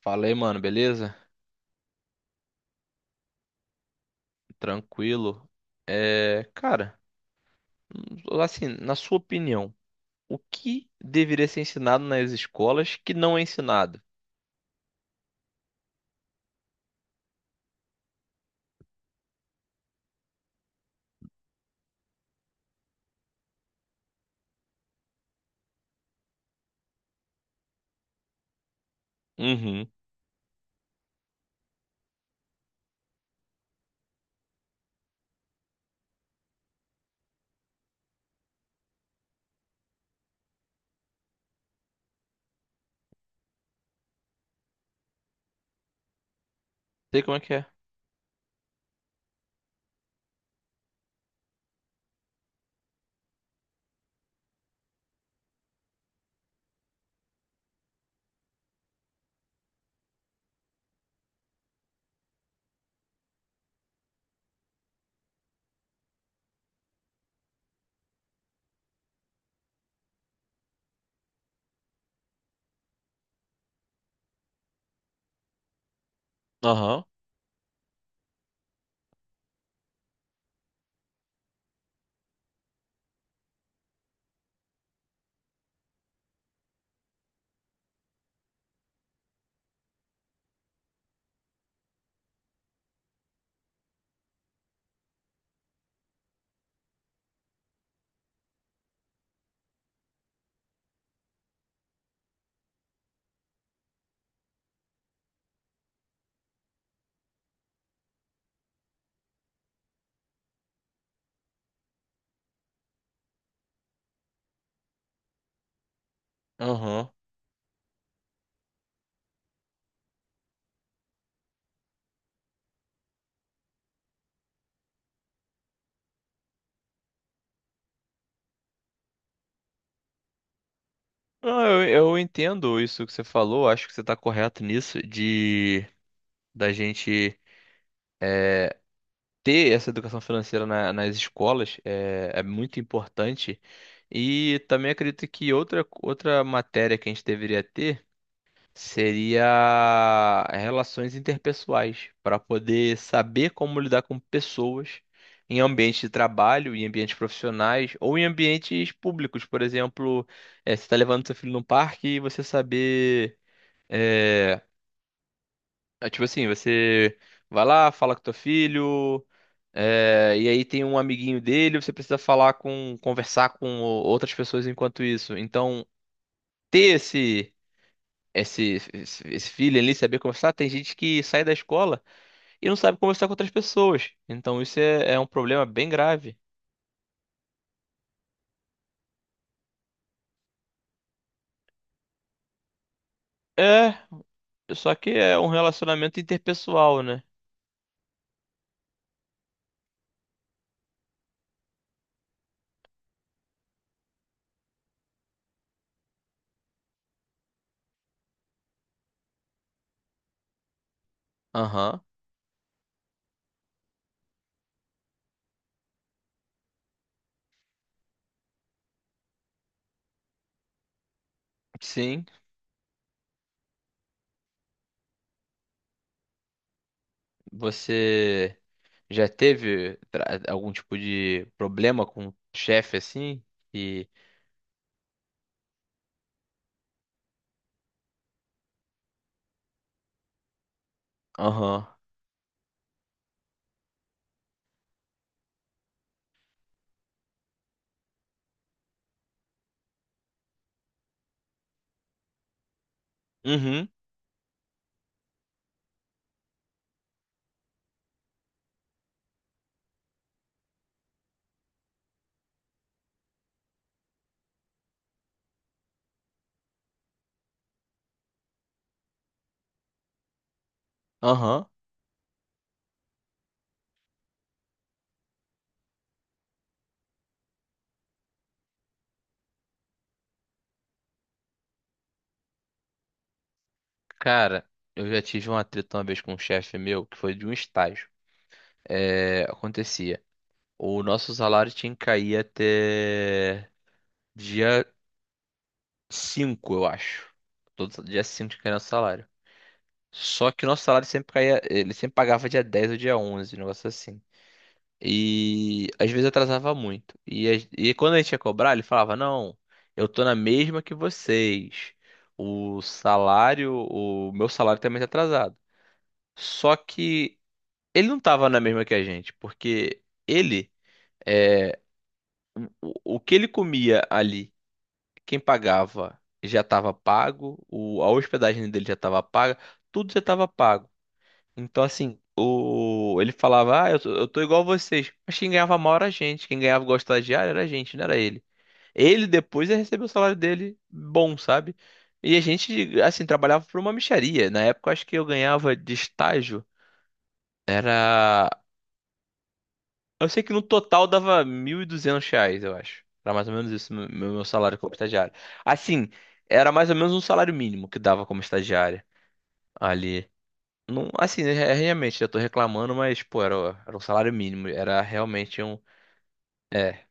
Falei, mano, beleza? Tranquilo. É, cara, assim, na sua opinião, o que deveria ser ensinado nas escolas que não é ensinado? Uhum. Sei como é que é. Aham. Aham. Ah, eu entendo isso que você falou, acho que você está correto nisso, de da gente ter essa educação financeira nas escolas é muito importante. E também acredito que outra matéria que a gente deveria ter, seria relações interpessoais, para poder saber como lidar com pessoas em ambientes de trabalho, em ambientes profissionais ou em ambientes públicos, por exemplo, você está levando seu filho no parque e você saber, eh, é tipo assim, você vai lá, fala com teu filho, e aí tem um amiguinho dele, você precisa falar conversar com outras pessoas enquanto isso. Então, ter esse feeling ali, saber conversar. Tem gente que sai da escola e não sabe conversar com outras pessoas. Então isso é um problema bem grave. É, só que é um relacionamento interpessoal, né? Aham, sim. Você já teve algum tipo de problema com o chefe assim? E. Aham, uhum, aham. Cara, eu já tive uma treta uma vez com um chefe meu que foi de um estágio. É, acontecia. O nosso salário tinha que cair até dia 5 eu acho. Todo dia 5 tinha que cair nosso salário. Só que o nosso salário sempre caía, ele sempre pagava dia 10 ou dia 11 um negócio assim. E às vezes atrasava muito. E quando a gente ia cobrar, ele falava: Não, eu tô na mesma que vocês. O meu salário também tá atrasado. Só que ele não tava na mesma que a gente, porque ele, é, o que ele comia ali, quem pagava já estava pago, a hospedagem dele já estava paga, tudo já estava pago. Então, assim, ele falava, ah, eu tô igual a vocês. Mas quem ganhava mal era a gente, quem ganhava igual estagiário era a gente, não era ele. Ele depois ia receber o salário dele bom, sabe? E a gente, assim, trabalhava por uma mixaria. Na época, eu acho que eu ganhava de estágio, era. Eu sei que no total dava R$ 1.200, eu acho. Era mais ou menos isso, meu salário como estagiário. Assim, era mais ou menos um salário mínimo que dava como estagiário ali. Não, assim, né, é, realmente, eu tô reclamando, mas, pô, era um salário mínimo. Era realmente um. É.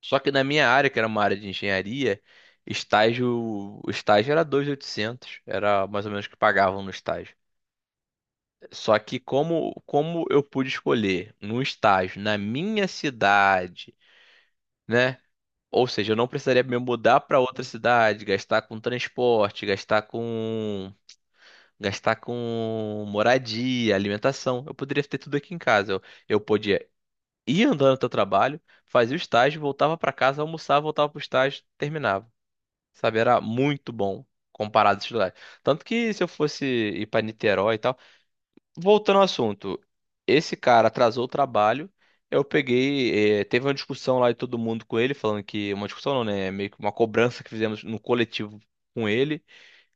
Só que na minha área, que era uma área de engenharia, o estágio era 2.800. Era mais ou menos o que pagavam no estágio. Só que como eu pude escolher num estágio na minha cidade. Né? Ou seja, eu não precisaria me mudar para outra cidade, gastar com transporte, gastar com moradia, alimentação. Eu poderia ter tudo aqui em casa. Eu podia ir andando até o trabalho, fazia o estágio, voltava para casa, almoçava, voltava para o estágio, terminava. Sabe, era muito bom comparado a estudar. Tanto que se eu fosse ir para Niterói e tal, voltando ao assunto, esse cara atrasou o trabalho. Eu peguei, teve uma discussão lá de todo mundo com ele, falando que uma discussão não, né? Meio que uma cobrança que fizemos no coletivo com ele.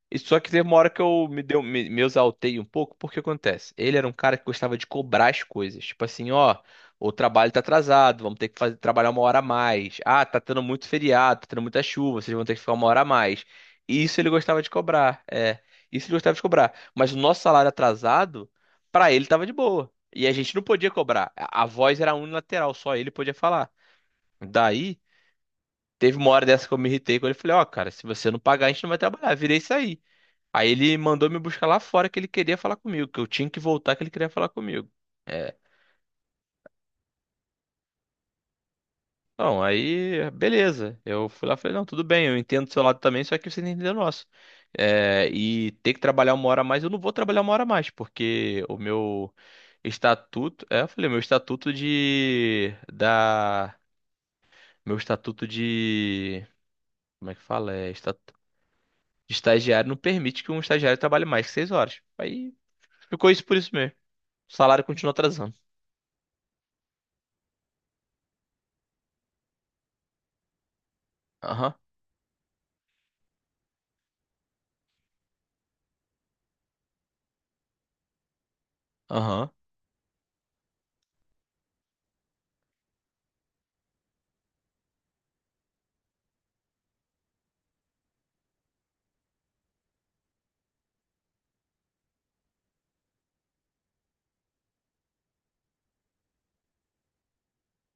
E só que teve uma hora que eu me exaltei um pouco, porque acontece. Ele era um cara que gostava de cobrar as coisas. Tipo assim, ó, o trabalho tá atrasado, vamos ter que fazer, trabalhar uma hora a mais. Ah, tá tendo muito feriado, tá tendo muita chuva, vocês vão ter que ficar uma hora a mais. E isso ele gostava de cobrar, é. Isso ele gostava de cobrar. Mas o nosso salário atrasado, pra ele tava de boa. E a gente não podia cobrar. A voz era unilateral, só ele podia falar. Daí, teve uma hora dessa que eu me irritei com ele. Falei, ó, cara, se você não pagar, a gente não vai trabalhar. Virei isso aí. Aí ele mandou me buscar lá fora que ele queria falar comigo, que eu tinha que voltar que ele queria falar comigo. É. Não, aí, beleza. Eu fui lá e falei, não, tudo bem, eu entendo do seu lado também, só que você não entendeu o nosso. É, e ter que trabalhar uma hora a mais, eu não vou trabalhar uma hora a mais, porque o meu estatuto, é, eu falei, meu estatuto de, da, meu estatuto de, como é que fala? É, estatuto de estagiário não permite que um estagiário trabalhe mais que 6 horas. Aí ficou isso por isso mesmo. O salário continua atrasando. Aham. Aham.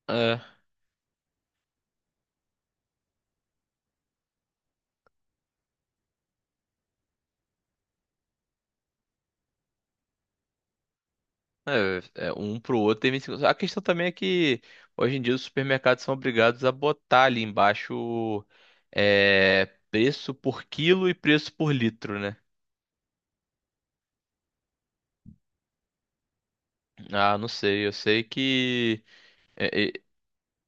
É, um pro outro tem 25. A questão também é que hoje em dia os supermercados são obrigados a botar ali embaixo é, preço por quilo e preço por litro, né? Ah, não sei. Eu sei que e-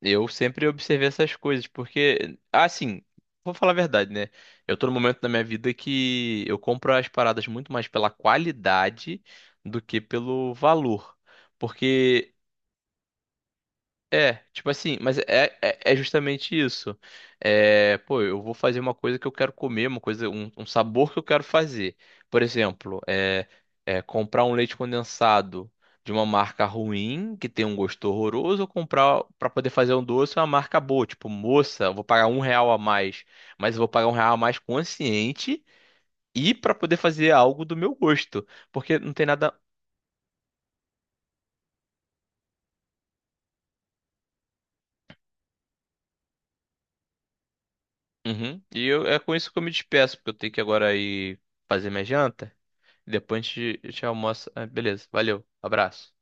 eu sempre observei essas coisas, porque, assim, vou falar a verdade, né? Eu tô no momento da minha vida que eu compro as paradas muito mais pela qualidade do que pelo valor. Porque é, tipo assim, mas é justamente isso. É, pô, eu vou fazer uma coisa que eu quero comer, uma coisa, um sabor que eu quero fazer. Por exemplo, é comprar um leite condensado de uma marca ruim, que tem um gosto horroroso, ou comprar pra poder fazer um doce uma marca boa, tipo, moça, eu vou pagar um real a mais, mas eu vou pagar um real a mais consciente e pra poder fazer algo do meu gosto, porque não tem nada. Uhum. E eu, é com isso que eu me despeço, porque eu tenho que agora ir fazer minha janta. Depois a gente almoça. Ah, beleza, valeu, abraço.